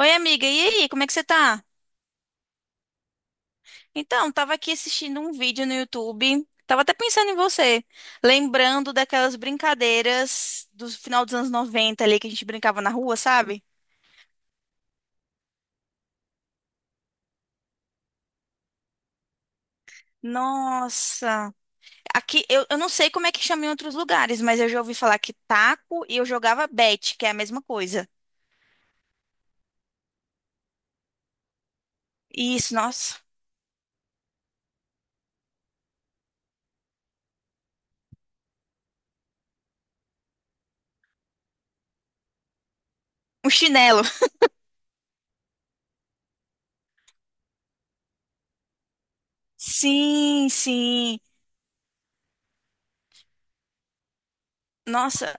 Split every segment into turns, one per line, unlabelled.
Oi, amiga, e aí, como é que você tá? Então, tava aqui assistindo um vídeo no YouTube, tava até pensando em você, lembrando daquelas brincadeiras do final dos anos 90 ali que a gente brincava na rua, sabe? Nossa, aqui eu não sei como é que chama em outros lugares, mas eu já ouvi falar que taco e eu jogava bete, que é a mesma coisa. Isso, nossa, um chinelo. Sim, sim. Nossa.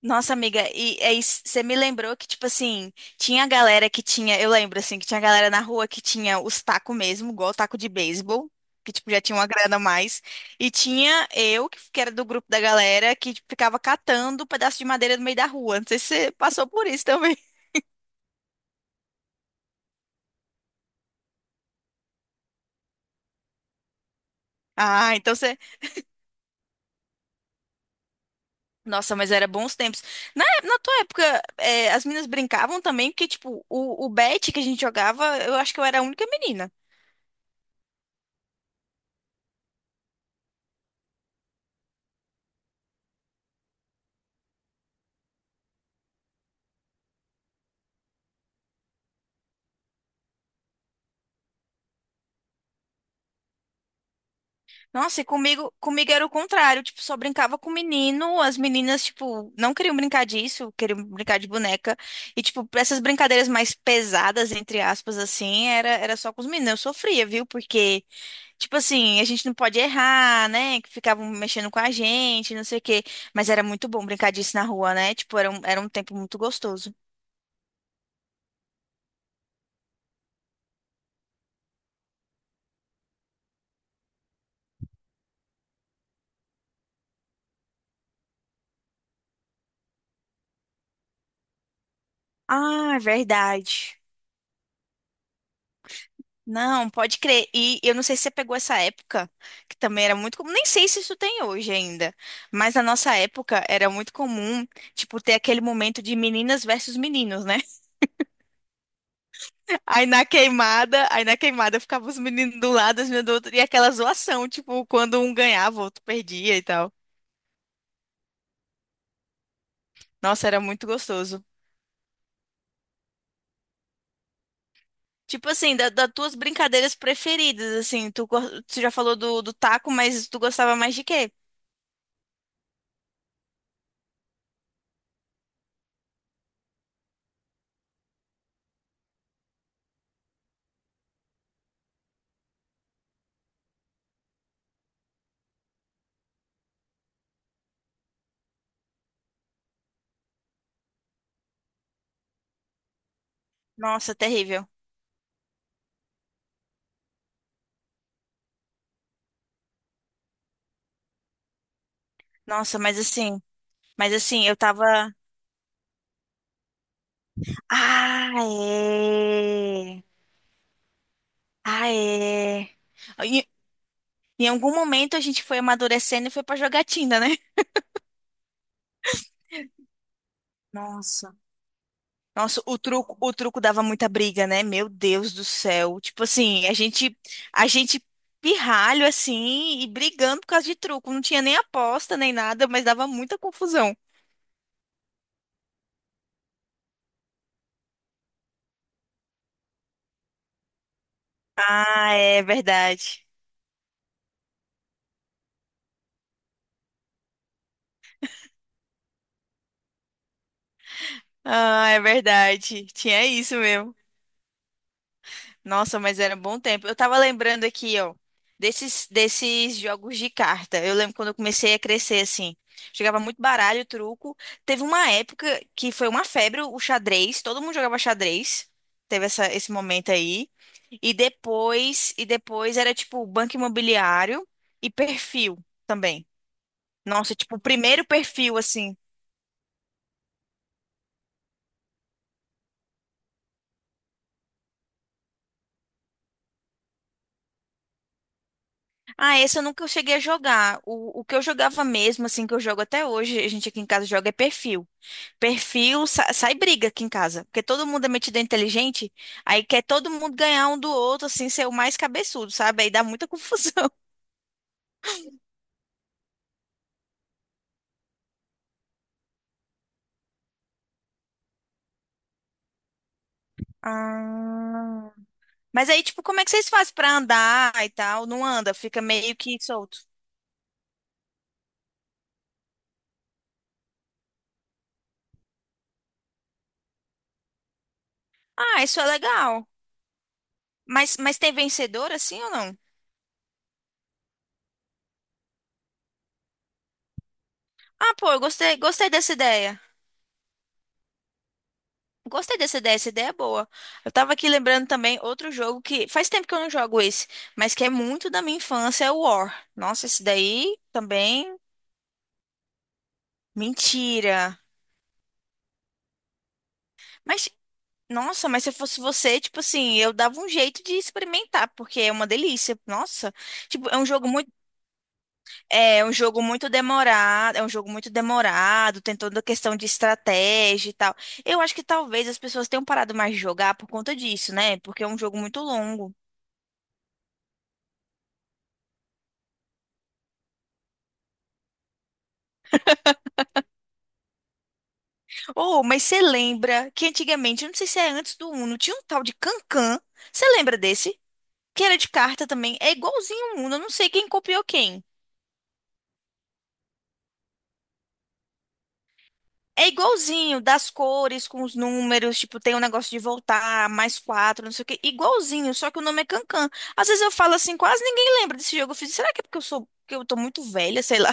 Nossa, amiga, e aí você me lembrou que, tipo assim, tinha galera que tinha, eu lembro, assim, que tinha galera na rua que tinha os tacos mesmo, igual taco de beisebol, que, tipo, já tinha uma grana a mais, e tinha eu, que era do grupo da galera, que tipo, ficava catando pedaço de madeira no meio da rua, não sei se você passou por isso também. Ah, então você... Nossa, mas era bons tempos. Na tua época, é, as meninas brincavam também, porque, tipo, o bet que a gente jogava, eu acho que eu era a única menina. Nossa, e comigo era o contrário, tipo, só brincava com menino, as meninas, tipo, não queriam brincar disso, queriam brincar de boneca, e, tipo, pra essas brincadeiras mais pesadas, entre aspas, assim, era só com os meninos, eu sofria, viu, porque, tipo assim, a gente não pode errar, né, que ficavam mexendo com a gente, não sei o quê, mas era muito bom brincar disso na rua, né, tipo, era um tempo muito gostoso. Ah, é verdade. Não, pode crer. E eu não sei se você pegou essa época, que também era muito comum. Nem sei se isso tem hoje ainda, mas na nossa época era muito comum, tipo, ter aquele momento de meninas versus meninos, né? Aí na queimada ficava os meninos do lado, as meninas do outro, e aquela zoação, tipo, quando um ganhava, o outro perdia e tal. Nossa, era muito gostoso. Tipo assim, da- das tuas brincadeiras preferidas, assim, tu, go- tu já falou do, do taco, mas tu gostava mais de quê? Nossa, terrível. Nossa, mas assim, eu tava. Ah, é. Ah, é. Em, em algum momento a gente foi amadurecendo e foi pra jogatina, né? Nossa. Nossa, o truco dava muita briga, né? Meu Deus do céu. Tipo assim, a gente pirralho assim e brigando por causa de truco. Não tinha nem aposta nem nada, mas dava muita confusão. Ah, é verdade. Ah, é verdade. Tinha isso mesmo. Nossa, mas era um bom tempo. Eu tava lembrando aqui, ó, desses jogos de carta. Eu lembro quando eu comecei a crescer, assim. Jogava muito baralho, truco. Teve uma época que foi uma febre o xadrez. Todo mundo jogava xadrez. Teve essa, esse momento aí. E depois era tipo banco imobiliário e perfil também. Nossa, tipo, o primeiro perfil, assim. Ah, esse eu nunca cheguei a jogar. O que eu jogava mesmo, assim, que eu jogo até hoje, a gente aqui em casa joga é perfil. Perfil, sa- sai briga aqui em casa, porque todo mundo é metido inteligente, aí quer todo mundo ganhar um do outro, assim, ser o mais cabeçudo, sabe? Aí dá muita confusão. Ah. Mas aí, tipo, como é que vocês fazem pra andar e tal? Não anda, fica meio que solto. Ah, isso é legal. Mas tem vencedor assim ou não? Ah, pô, eu gostei, gostei dessa ideia. Gostei dessa ideia, essa ideia é boa. Eu tava aqui lembrando também outro jogo que faz tempo que eu não jogo esse, mas que é muito da minha infância, é o War. Nossa, esse daí também. Mentira. Mas, nossa, mas se eu fosse você, tipo assim, eu dava um jeito de experimentar, porque é uma delícia. Nossa, tipo, é um jogo muito, é um jogo muito demorado, é um jogo muito demorado, tem toda a questão de estratégia e tal. Eu acho que talvez as pessoas tenham parado mais de jogar por conta disso, né? Porque é um jogo muito longo. Oh, mas você lembra que antigamente, eu não sei se é antes do Uno, tinha um tal de Cancan. Você lembra desse? Que era de carta também. É igualzinho o Uno, eu não sei quem copiou quem. É igualzinho, das cores, com os números, tipo, tem um negócio de voltar, mais quatro, não sei o quê. Igualzinho, só que o nome é Cancan. Às vezes eu falo assim, quase ninguém lembra desse jogo. Eu fiz, será que é porque eu sou, que eu tô muito velha, sei lá.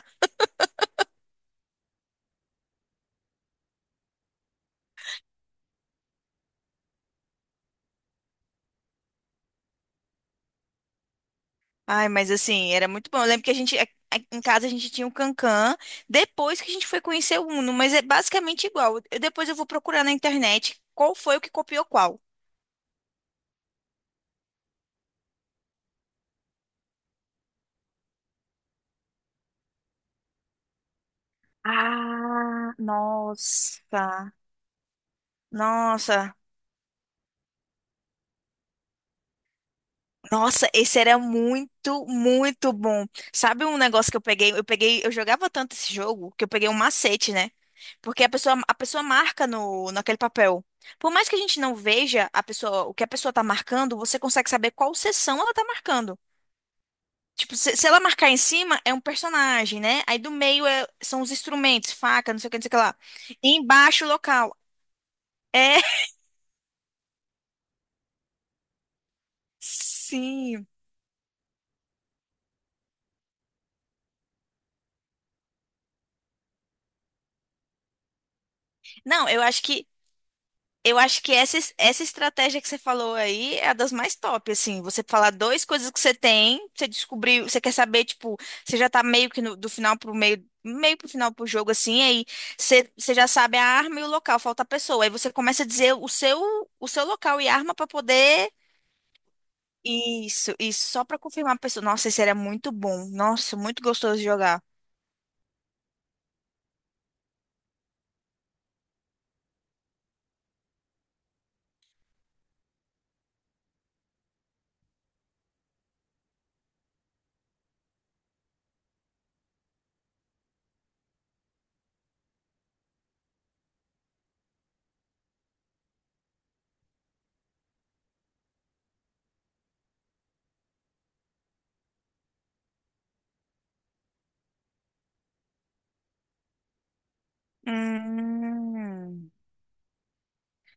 Ai, mas assim, era muito bom. Eu lembro que a gente, a- em casa a gente tinha o Cancan, depois que a gente foi conhecer o Uno, mas é basicamente igual. Eu- depois eu vou procurar na internet qual foi o que copiou qual. Ah, nossa. Nossa, esse era muito, muito bom. Sabe um negócio que eu peguei? Eu peguei, eu jogava tanto esse jogo que eu peguei um macete, né? Porque a pessoa marca no, naquele papel. Por mais que a gente não veja a pessoa, o que a pessoa tá marcando, você consegue saber qual seção ela tá marcando. Tipo, se ela marcar em cima, é um personagem, né? Aí do meio é- são os instrumentos, faca, não sei o que, não sei o que lá. E embaixo, o local. É, sim. Não, eu acho que Eu acho que essa, es- essa estratégia que você falou aí é a das mais top, assim. Você falar duas coisas que você tem, você descobriu, você quer saber, tipo, você já tá meio que no- do final pro meio, meio pro final pro jogo, assim, aí você já sabe a arma e o local, falta a pessoa. Aí você começa a dizer o seu local e arma pra poder. Isso, só pra confirmar a pessoa. Nossa, esse era muito bom. Nossa, muito gostoso de jogar. Hum,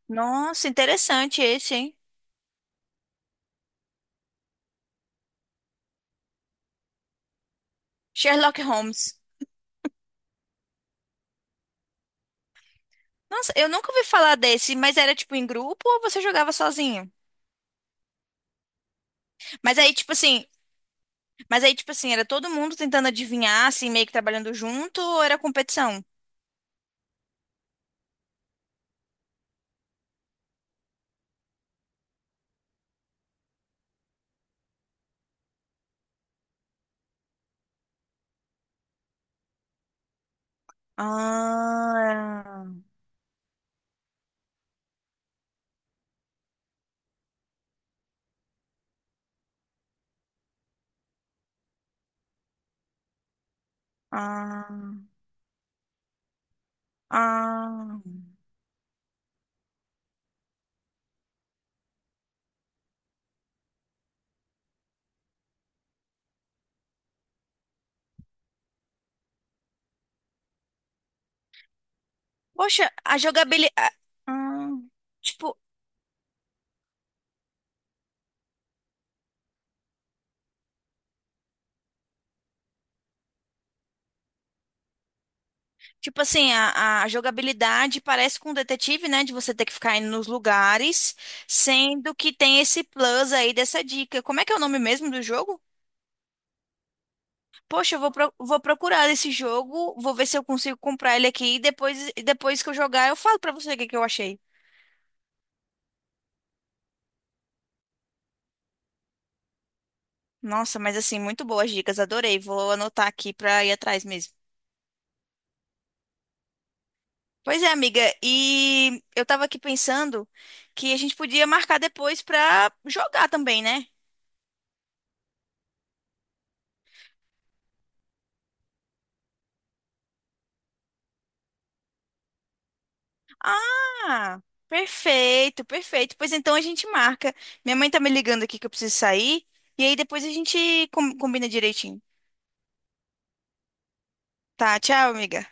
nossa, interessante esse, hein? Sherlock Holmes. Nossa, eu nunca ouvi falar desse, mas era tipo em grupo ou você jogava sozinho? Mas aí, tipo assim, mas aí, tipo assim, era todo mundo tentando adivinhar, assim, meio que trabalhando junto, ou era competição? Ah, ah, ah. Poxa, a jogabilidade. tipo, tipo assim, a jogabilidade parece com o detetive, né? De você ter que ficar indo nos lugares, sendo que tem esse plus aí dessa dica. Como é que é o nome mesmo do jogo? Poxa, eu vou, pro- vou procurar esse jogo, vou ver se eu consigo comprar ele aqui e depois que eu jogar eu falo pra você o que que eu achei. Nossa, mas assim, muito boas dicas, adorei. Vou anotar aqui pra ir atrás mesmo. Pois é, amiga, e eu tava aqui pensando que a gente podia marcar depois pra jogar também, né? Ah, perfeito, perfeito. Pois então a gente marca. Minha mãe tá me ligando aqui que eu preciso sair e aí depois a gente com- combina direitinho. Tá, tchau, amiga.